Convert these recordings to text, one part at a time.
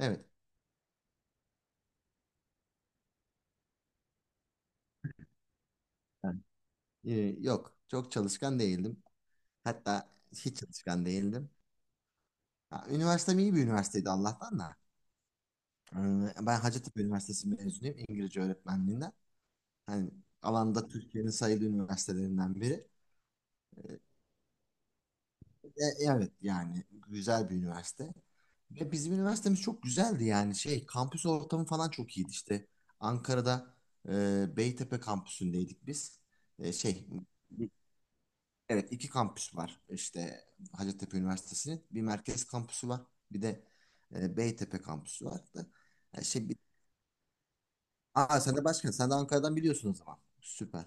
Evet. Yani. Ee, Yok, çok çalışkan değildim. Hatta hiç çalışkan değildim. Ha, üniversitem iyi bir üniversiteydi Allah'tan da. Ben Hacettepe Üniversitesi mezunuyum, İngilizce öğretmenliğinden. Hani alanda Türkiye'nin sayılı üniversitelerinden biri. E, evet, yani güzel bir üniversite. Ve bizim üniversitemiz çok güzeldi, yani şey kampüs ortamı falan çok iyiydi işte. Ankara'da Beytepe kampüsündeydik biz. Şey, evet, iki kampüs var. İşte Hacettepe Üniversitesi'nin bir merkez kampüsü var. Bir de Beytepe kampüsü var. Da, şey, aa, sen de başkan. Sen de Ankara'dan biliyorsun o zaman. Süper.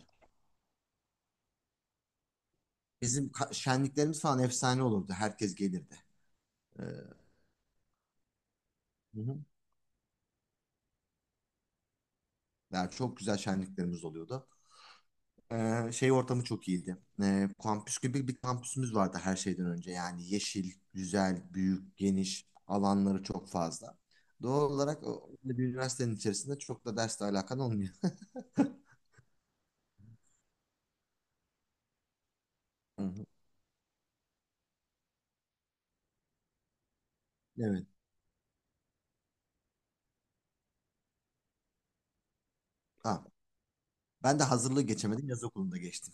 Bizim şenliklerimiz falan efsane olurdu. Herkes gelirdi. Hı hı. Yani çok güzel şenliklerimiz oluyordu. Şey ortamı çok iyiydi. Kampüs gibi bir kampüsümüz vardı her şeyden önce. Yani yeşil, güzel, büyük, geniş alanları çok fazla. Doğal olarak bir üniversitenin içerisinde çok da dersle alakan olmuyor. Hı hı. Evet. Ha, ben de hazırlığı geçemedim. Yaz okulunda geçtim.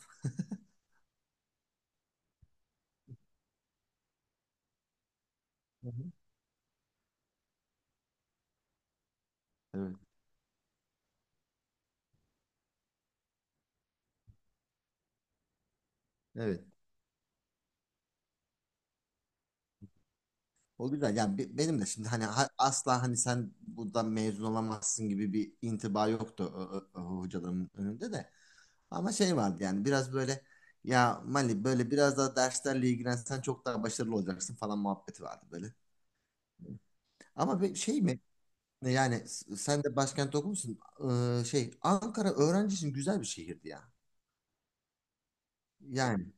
Hı hı. Evet. Evet. O güzel. Yani benim de şimdi, hani asla hani sen buradan mezun olamazsın gibi bir intiba yoktu, hocaların önünde de. Ama şey vardı, yani biraz böyle, ya Mali böyle biraz daha derslerle ilgilensen çok daha başarılı olacaksın falan muhabbeti vardı böyle. Ama bir şey mi, yani sen de başkent okumuşsun. Şey, Ankara öğrenci için güzel bir şehirdi ya. Yani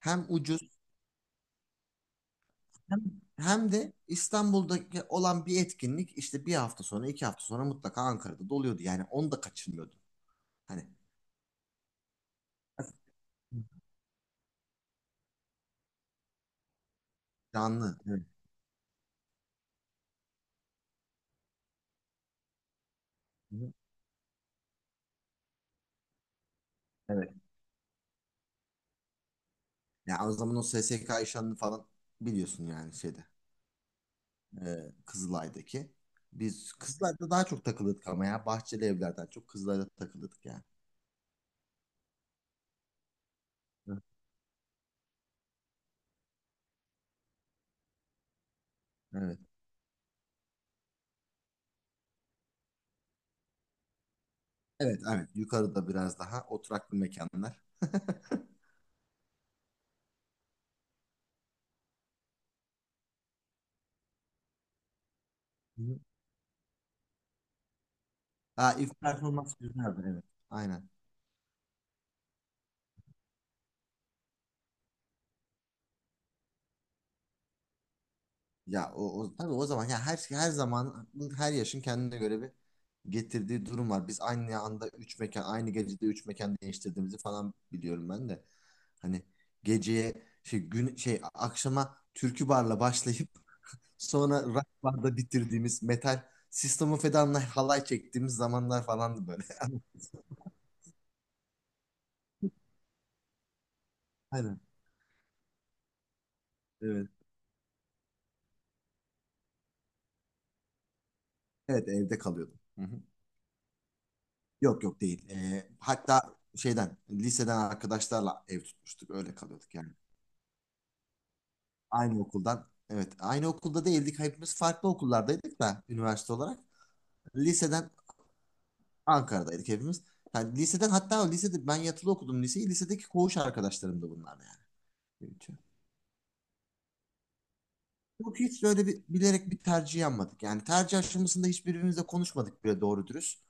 hem ucuz, hem, hem de İstanbul'daki olan bir etkinlik işte bir hafta sonra, iki hafta sonra mutlaka Ankara'da doluyordu. Yani onu da kaçırmıyordun. Hani canlı. Evet. Hı hı. Evet. Yani o zaman o SSK işlerini falan biliyorsun yani şeyde. Kızılay'daki. Biz Kızılay'da daha çok takılırdık ama ya. Bahçeli evlerden çok Kızılay'da takılırdık yani. Hı, evet. Evet, evet. Yukarıda biraz daha oturaklı mekanlar. Hı. Ha, ilk performans güzeldi, evet. Aynen. Ya o, o tabii o zaman ya, her şey, her zaman her yaşın kendine göre bir getirdiği durum var. Biz aynı anda üç mekan, aynı gecede üç mekan değiştirdiğimizi falan biliyorum ben de. Hani geceye şey gün şey akşama türkü barla başlayıp sonra rock barda bitirdiğimiz metal System of a Down'la halay çektiğimiz zamanlar falandı böyle. Ama aynen. Evet. Evet, evde kalıyordum. Hı hı. Yok, yok değil. Hatta şeyden, liseden arkadaşlarla ev tutmuştuk. Öyle kalıyorduk yani. Aynı okuldan. Evet. Aynı okulda değildik. Hepimiz farklı okullardaydık da, üniversite olarak. Liseden Ankara'daydık hepimiz. Yani liseden, hatta lisede ben yatılı okudum liseyi. Lisedeki koğuş arkadaşlarım da bunlar yani. Yok hiç böyle bir, bilerek bir tercih yapmadık. Yani tercih aşamasında hiçbirimizle konuşmadık bile doğru dürüst.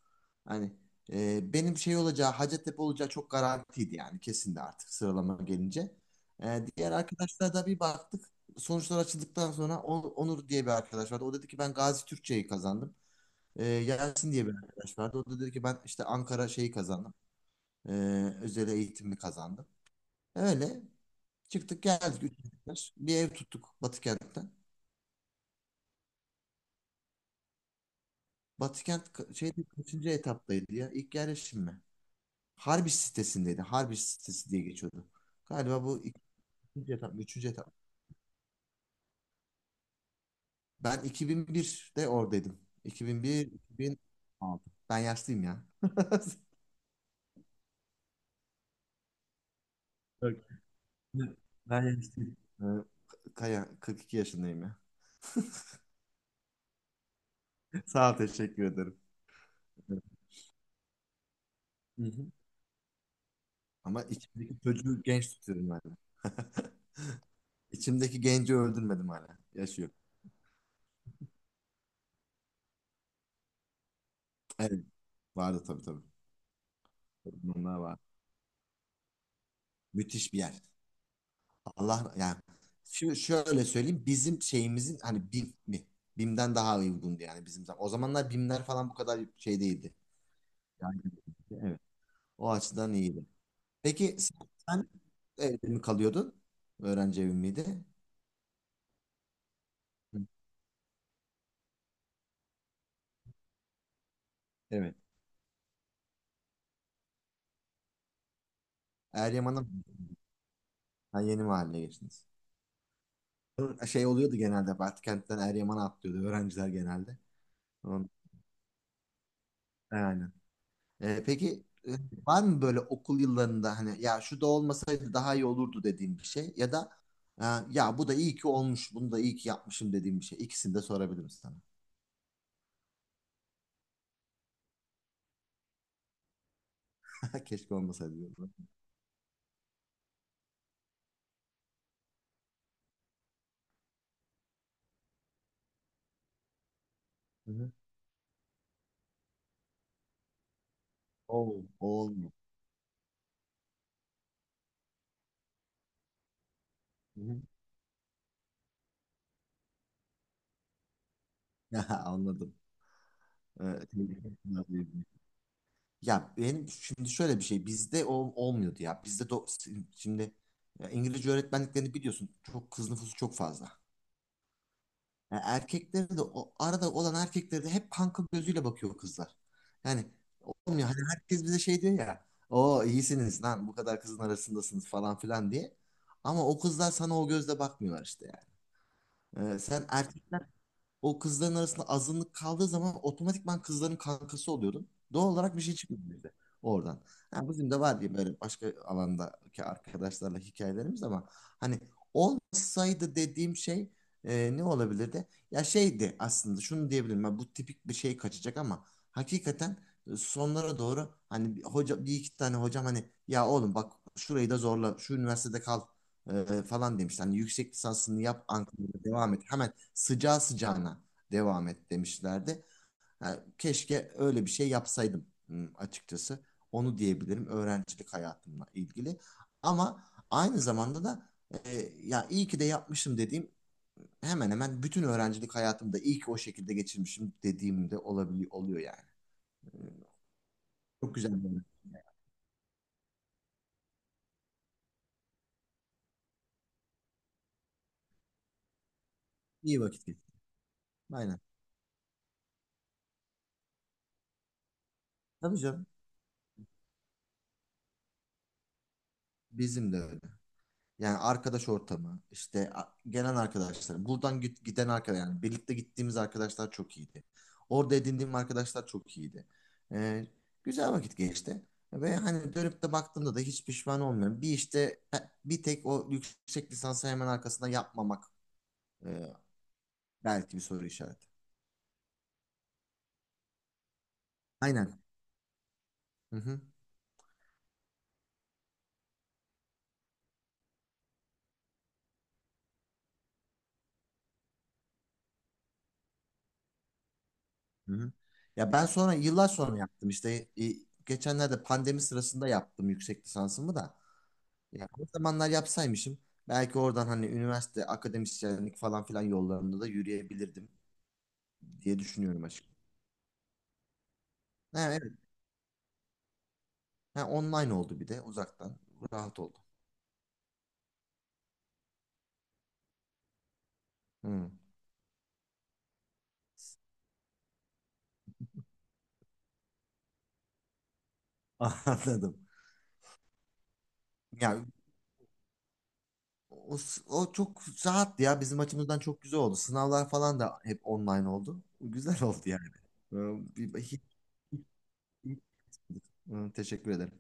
Hani benim şey olacağı, Hacettepe olacağı çok garantiydi, yani kesindi artık sıralama gelince. Diğer arkadaşlara da bir baktık. Sonuçlar açıldıktan sonra Onur diye bir arkadaş vardı. O dedi ki ben Gazi Türkçe'yi kazandım. Yasin diye bir arkadaş vardı. O da dedi ki ben işte Ankara şeyi kazandım. E, Özel eğitimi kazandım. Öyle çıktık geldik. Üçüncü sınıf. Bir ev tuttuk Batıkent'te. Batıkent şeyde kaçıncı etaptaydı ya? İlk yerleşim mi? Harbiç sitesindeydi. Harbiç sitesi diye geçiyordu. Galiba bu ikinci etap mı, üçüncü etap mı? Ben 2001'de oradaydım. 2001, 2006. Ben yaşlıyım ya. Yok, ben yaşlıyım. Kaya, 42 yaşındayım ya. Sağ ol, teşekkür ederim. Hı hı. Ama içimdeki çocuğu genç tutuyorum hala. İçimdeki genci öldürmedim hala. Yaşıyor. Evet. Vardı, tabii tabii. Onlar var. Müthiş bir yer. Allah, yani şimdi şöyle söyleyeyim, bizim şeyimizin hani BİM mi? BİM'den daha uygundu yani bizim zaman. O zamanlar BİM'ler falan bu kadar şey değildi. Yani, evet. O açıdan iyiydi. Peki sen evde mi kalıyordun? Öğrenci evi miydi? Hı, evet. Eryaman'a mı? Ha, yeni mahalle geçtiniz. Şey oluyordu, genelde Batkent'ten Eryaman'a atlıyordu öğrenciler genelde. Onun, yani. Peki, e, var mı böyle okul yıllarında, hani ya şu da olmasaydı daha iyi olurdu dediğim bir şey, ya da e, ya bu da iyi ki olmuş, bunu da iyi ki yapmışım dediğim bir şey. İkisini de sorabilirim sana. Keşke olmasaydı diyorum. Hı hı. Oo. Olmuş. Hı hı. Anladım. Evet. Ya benim şimdi şöyle bir şey, bizde o olmuyordu ya. Bizde şimdi, ya İngilizce öğretmenliklerini biliyorsun. Çok kız nüfusu çok fazla. Yani erkekleri de o arada olan erkekleri de hep kanka gözüyle bakıyor kızlar. Yani olmuyor. Hani herkes bize şey diyor ya. O iyisiniz lan, bu kadar kızın arasındasınız falan filan diye. Ama o kızlar sana o gözle bakmıyorlar işte yani. Sen erkek, o kızların arasında azınlık kaldığı zaman otomatikman kızların kankası oluyordum. Doğal olarak bir şey çıkıyordu bize oradan. Ha, bizim de var diye böyle başka alandaki arkadaşlarla hikayelerimiz ama, hani olmasaydı dediğim şey ne olabilirdi? Ya şeydi, aslında şunu diyebilirim ben, bu tipik bir şey kaçacak ama hakikaten sonlara doğru hani bir hoca, bir iki tane hocam hani ya oğlum bak şurayı da zorla şu üniversitede kal falan demiş. Hani yüksek lisansını yap Ankara'da devam et. Hemen sıcağı sıcağına devam et demişlerdi. Ha, keşke öyle bir şey yapsaydım, açıkçası. Onu diyebilirim öğrencilik hayatımla ilgili. Ama aynı zamanda da ya iyi ki de yapmışım dediğim, hemen hemen bütün öğrencilik hayatımda iyi ki o şekilde geçirmişim dediğimde olabiliyor oluyor yani. E, Çok güzel. Öğrenci. İyi vakit geçirdim. Aynen. Tabii canım. Bizim de öyle. Yani arkadaş ortamı, işte gelen arkadaşlar, buradan giden arkadaş, yani birlikte gittiğimiz arkadaşlar çok iyiydi. Orada edindiğim arkadaşlar çok iyiydi. Ee, Güzel vakit geçti. Ve hani dönüp de baktığımda da hiç pişman olmuyorum. Bir işte, e, bir tek o yüksek lisansı hemen arkasına yapmamak e, belki bir soru işareti. Aynen. Hı hı. Hı hı. Ya ben sonra yıllar sonra yaptım işte, geçenlerde pandemi sırasında yaptım yüksek lisansımı da. Yani o zamanlar yapsaymışım belki oradan hani üniversite, akademisyenlik falan filan yollarında da yürüyebilirdim diye düşünüyorum açıkçası. Ha, evet. Ha, online oldu bir de uzaktan. Rahat oldu. Hı. Anladım. Ya o, o çok rahat ya, bizim açımızdan çok güzel oldu. Sınavlar falan da hep online oldu. Güzel oldu yani. Ee, bir- hiç- hiç- hiç- Hı, teşekkür ederim.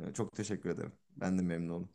Hı, çok teşekkür ederim. Ben de memnun oldum.